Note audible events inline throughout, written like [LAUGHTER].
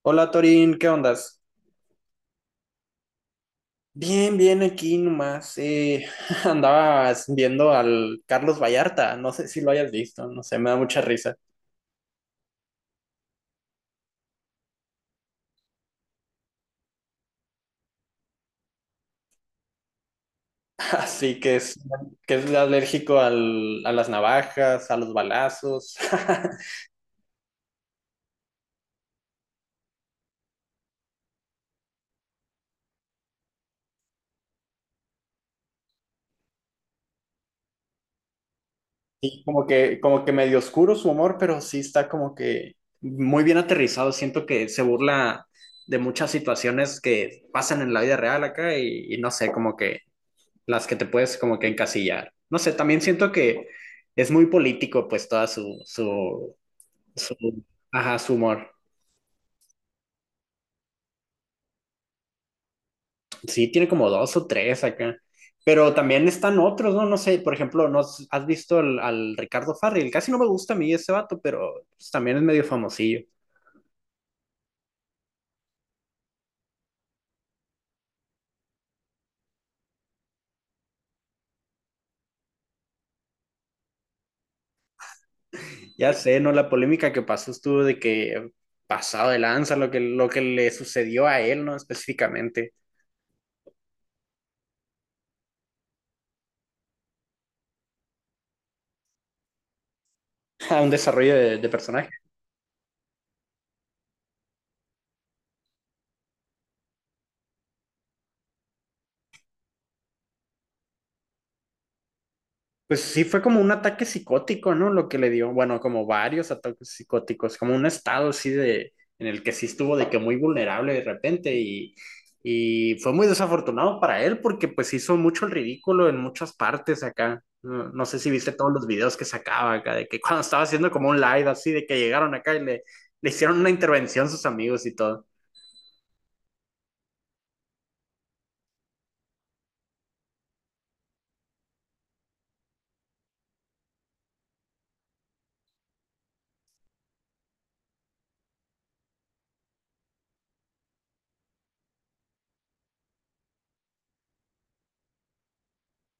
Hola Torín, ¿qué ondas? Bien, bien, aquí nomás. [LAUGHS] Andabas viendo al Carlos Vallarta, no sé si lo hayas visto, no sé, me da mucha risa. [LAUGHS] Así que es alérgico a las navajas, a los balazos. [LAUGHS] Y como que medio oscuro su humor, pero sí está como que muy bien aterrizado. Siento que se burla de muchas situaciones que pasan en la vida real acá y no sé, como que las que te puedes como que encasillar. No sé, también siento que es muy político, pues, toda su, su, su, ajá, su humor. Sí, tiene como dos o tres acá. Pero también están otros, ¿no? No sé, por ejemplo, ¿no has visto al Ricardo Farril? Casi no me gusta a mí ese vato, pero pues, también es medio famosillo. Ya sé, ¿no? La polémica que pasó estuvo de que pasado de lanza, lo que le sucedió a él, ¿no? Específicamente, [LAUGHS] a un desarrollo de personaje. Pues sí, fue como un ataque psicótico, ¿no? Lo que le dio, bueno, como varios ataques psicóticos, como un estado así de, en el que sí estuvo de que muy vulnerable de repente y fue muy desafortunado para él porque pues hizo mucho el ridículo en muchas partes acá. No, no sé si viste todos los videos que sacaba acá, de que cuando estaba haciendo como un live así, de que llegaron acá y le hicieron una intervención sus amigos y todo.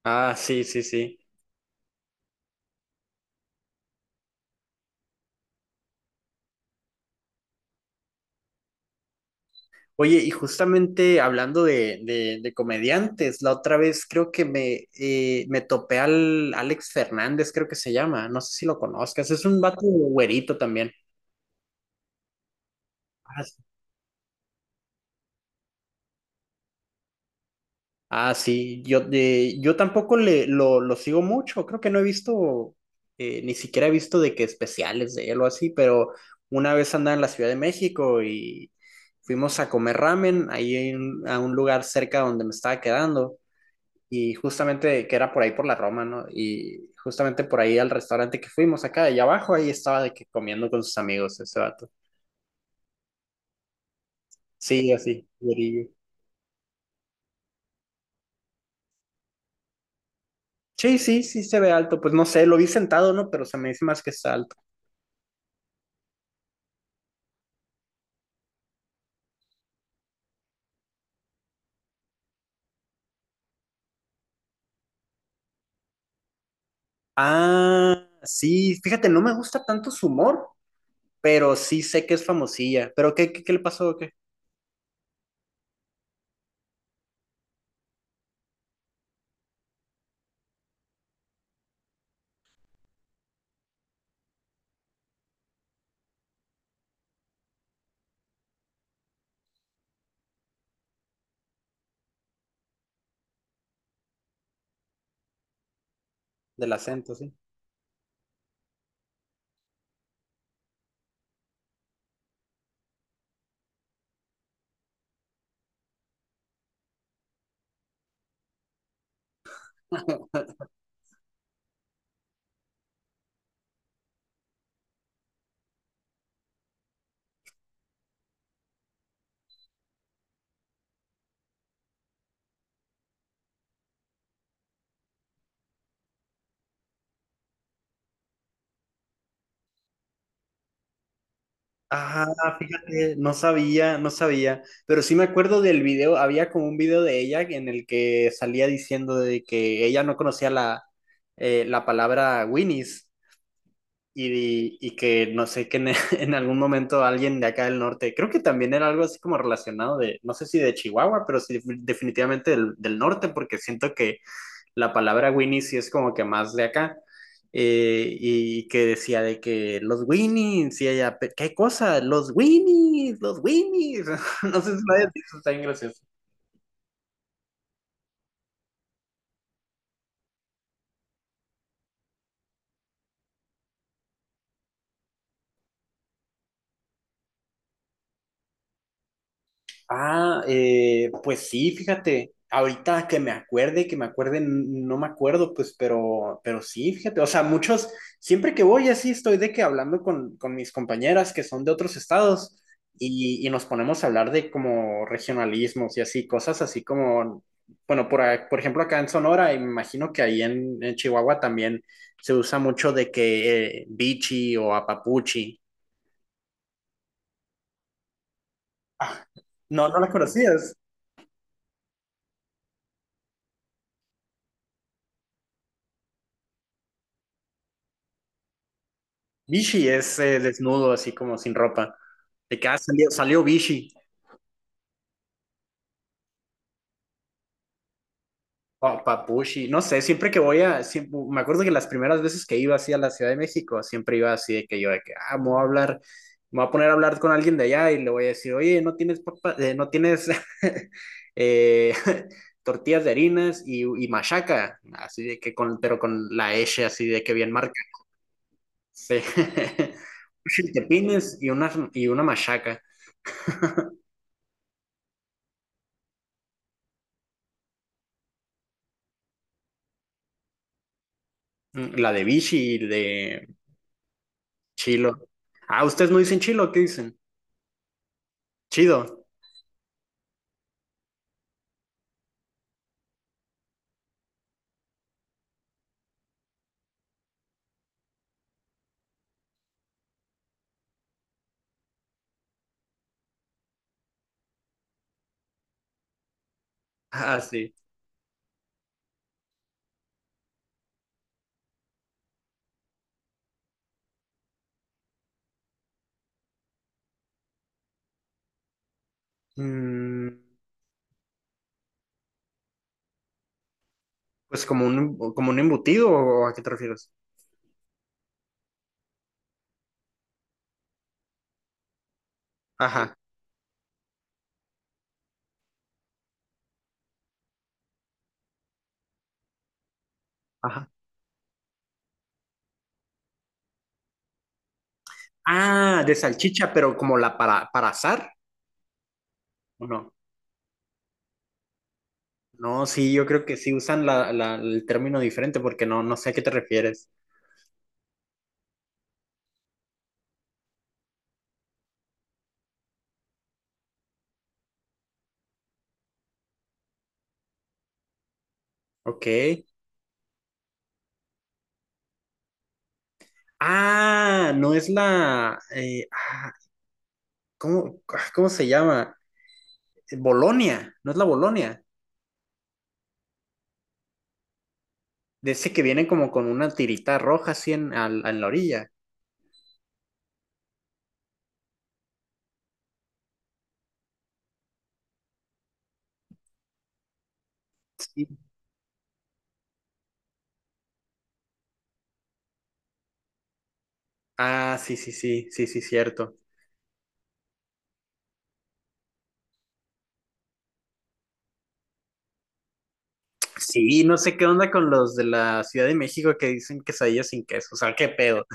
Ah, sí, sí, sí. Oye, y justamente hablando de, de comediantes, la otra vez creo que me, me topé al Alex Fernández, creo que se llama, no sé si lo conozcas, es un vato güerito también. Ah, sí. Ah, sí, yo, yo tampoco le, lo sigo mucho, creo que no he visto, ni siquiera he visto de que especiales de él o así, pero una vez andaba en la Ciudad de México y fuimos a comer ramen ahí a un lugar cerca donde me estaba quedando. Y justamente que era por ahí por la Roma, ¿no? Y justamente por ahí al restaurante que fuimos acá de allá abajo, ahí estaba de que comiendo con sus amigos ese vato. Sí, así, güerillo. Sí, sí, sí se ve alto. Pues no sé, lo vi sentado, ¿no? Pero se me dice más que está alto. Ah, sí, fíjate, no me gusta tanto su humor, pero sí sé que es famosilla. ¿Pero qué, qué, qué le pasó? ¿O qué? Del acento, sí. [LAUGHS] Ah, fíjate, no sabía, no sabía, pero sí me acuerdo del video, había como un video de ella en el que salía diciendo de que ella no conocía la, la palabra Winnie's y que no sé, que en, [LAUGHS] en algún momento alguien de acá del norte, creo que también era algo así como relacionado de, no sé si de Chihuahua, pero sí definitivamente del, del norte, porque siento que la palabra Winnie sí es como que más de acá. Y que decía de que los Winnies, y ella, ¿qué cosa? Los Winnies, los Winnies. [LAUGHS] No sé si lo hayas visto, está bien gracioso. Ah, pues sí, fíjate, ahorita que me acuerde, no me acuerdo, pues, pero sí, fíjate, o sea, muchos, siempre que voy así estoy de que hablando con mis compañeras que son de otros estados y nos ponemos a hablar de como regionalismos y así, cosas así como, bueno, por, por ejemplo, acá en Sonora, y me imagino que ahí en Chihuahua también se usa mucho de que bichi o apapuchi. Ah, no, no las conocías. Bishi es desnudo, así como sin ropa. De que ah, salió, salió Bishi, Papushi, no sé, siempre que voy a, me acuerdo que las primeras veces que iba así a la Ciudad de México, siempre iba así de que yo, de que, ah, me voy a hablar, me voy a poner a hablar con alguien de allá y le voy a decir, oye, no tienes papa, no tienes [LAUGHS] eh, [LAUGHS] tortillas de harinas y machaca, así de que con, pero con la S así de que bien marca. Sí. [LAUGHS] Unos chiltepines y una machaca. Mm, la de Vichy y de Chilo. Ah, ustedes no dicen chilo, ¿qué dicen? Chido. Ah, sí. Mm, pues como un embutido, ¿o a qué te refieres? Ajá, ajá. Ah, de salchicha, pero como la para asar, ¿o no? No, sí, yo creo que sí usan la, el término diferente porque no, no sé a qué te refieres. Ok. Ah, no es la... ah, cómo se llama? Bolonia, no es la Bolonia. De ese que viene como con una tirita roja así en, en la orilla. Sí, ah, sí, sí, sí, sí, sí, cierto. Sí, no sé qué onda con los de la Ciudad de México que dicen quesadillas sin queso, o sea, qué pedo.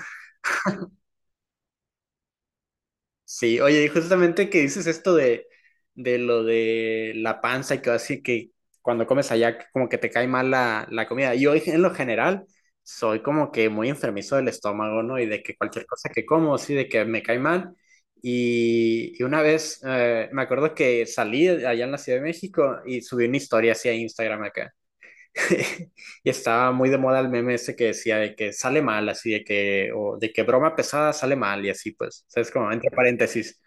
Sí, oye, y justamente que dices esto de lo de la panza y que así que cuando comes allá que como que te cae mal la, la comida. Yo en lo general soy como que muy enfermizo del estómago, ¿no? Y de que cualquier cosa que como, sí, de que me cae mal. Y una vez me acuerdo que salí allá en la Ciudad de México y subí una historia así a Instagram acá. [LAUGHS] Y estaba muy de moda el meme ese que decía de que sale mal, así de que, o de que broma pesada sale mal y así, pues, ¿sabes? Como entre paréntesis.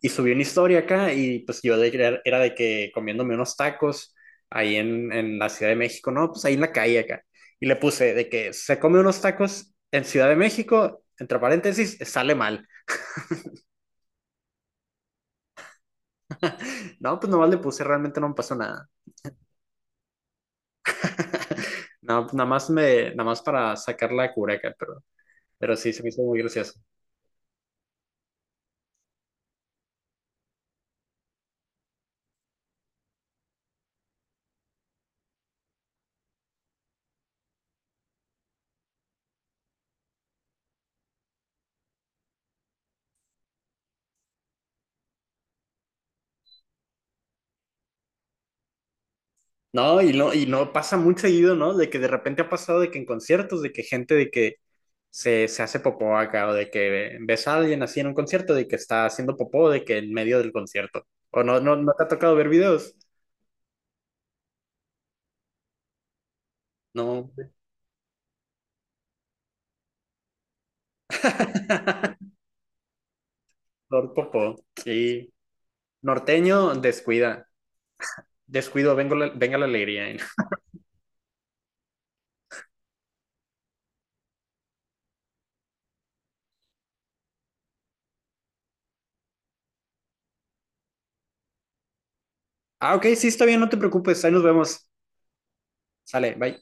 Y subí una historia acá y pues yo era de que comiéndome unos tacos ahí en la Ciudad de México, no, pues ahí en la calle acá. Y le puse de que se come unos tacos en Ciudad de México, entre paréntesis, sale mal. [LAUGHS] No, pues nomás le puse, realmente no me pasó nada. [LAUGHS] No, pues nada más me, nada más para sacar la cura acá pero sí se me hizo muy gracioso. No, y no, y no pasa muy seguido, ¿no? De que de repente ha pasado de que en conciertos, de que gente de que se hace popó acá, o de que ves a alguien así en un concierto, de que está haciendo popó, de que en medio del concierto. O no, no, no te ha tocado ver videos. No. [LAUGHS] Lord Popó. Sí. Norteño, descuida. Descuido, venga la alegría. [LAUGHS] Ah, ok, sí, está bien, no te preocupes. Ahí nos vemos. Sale, bye.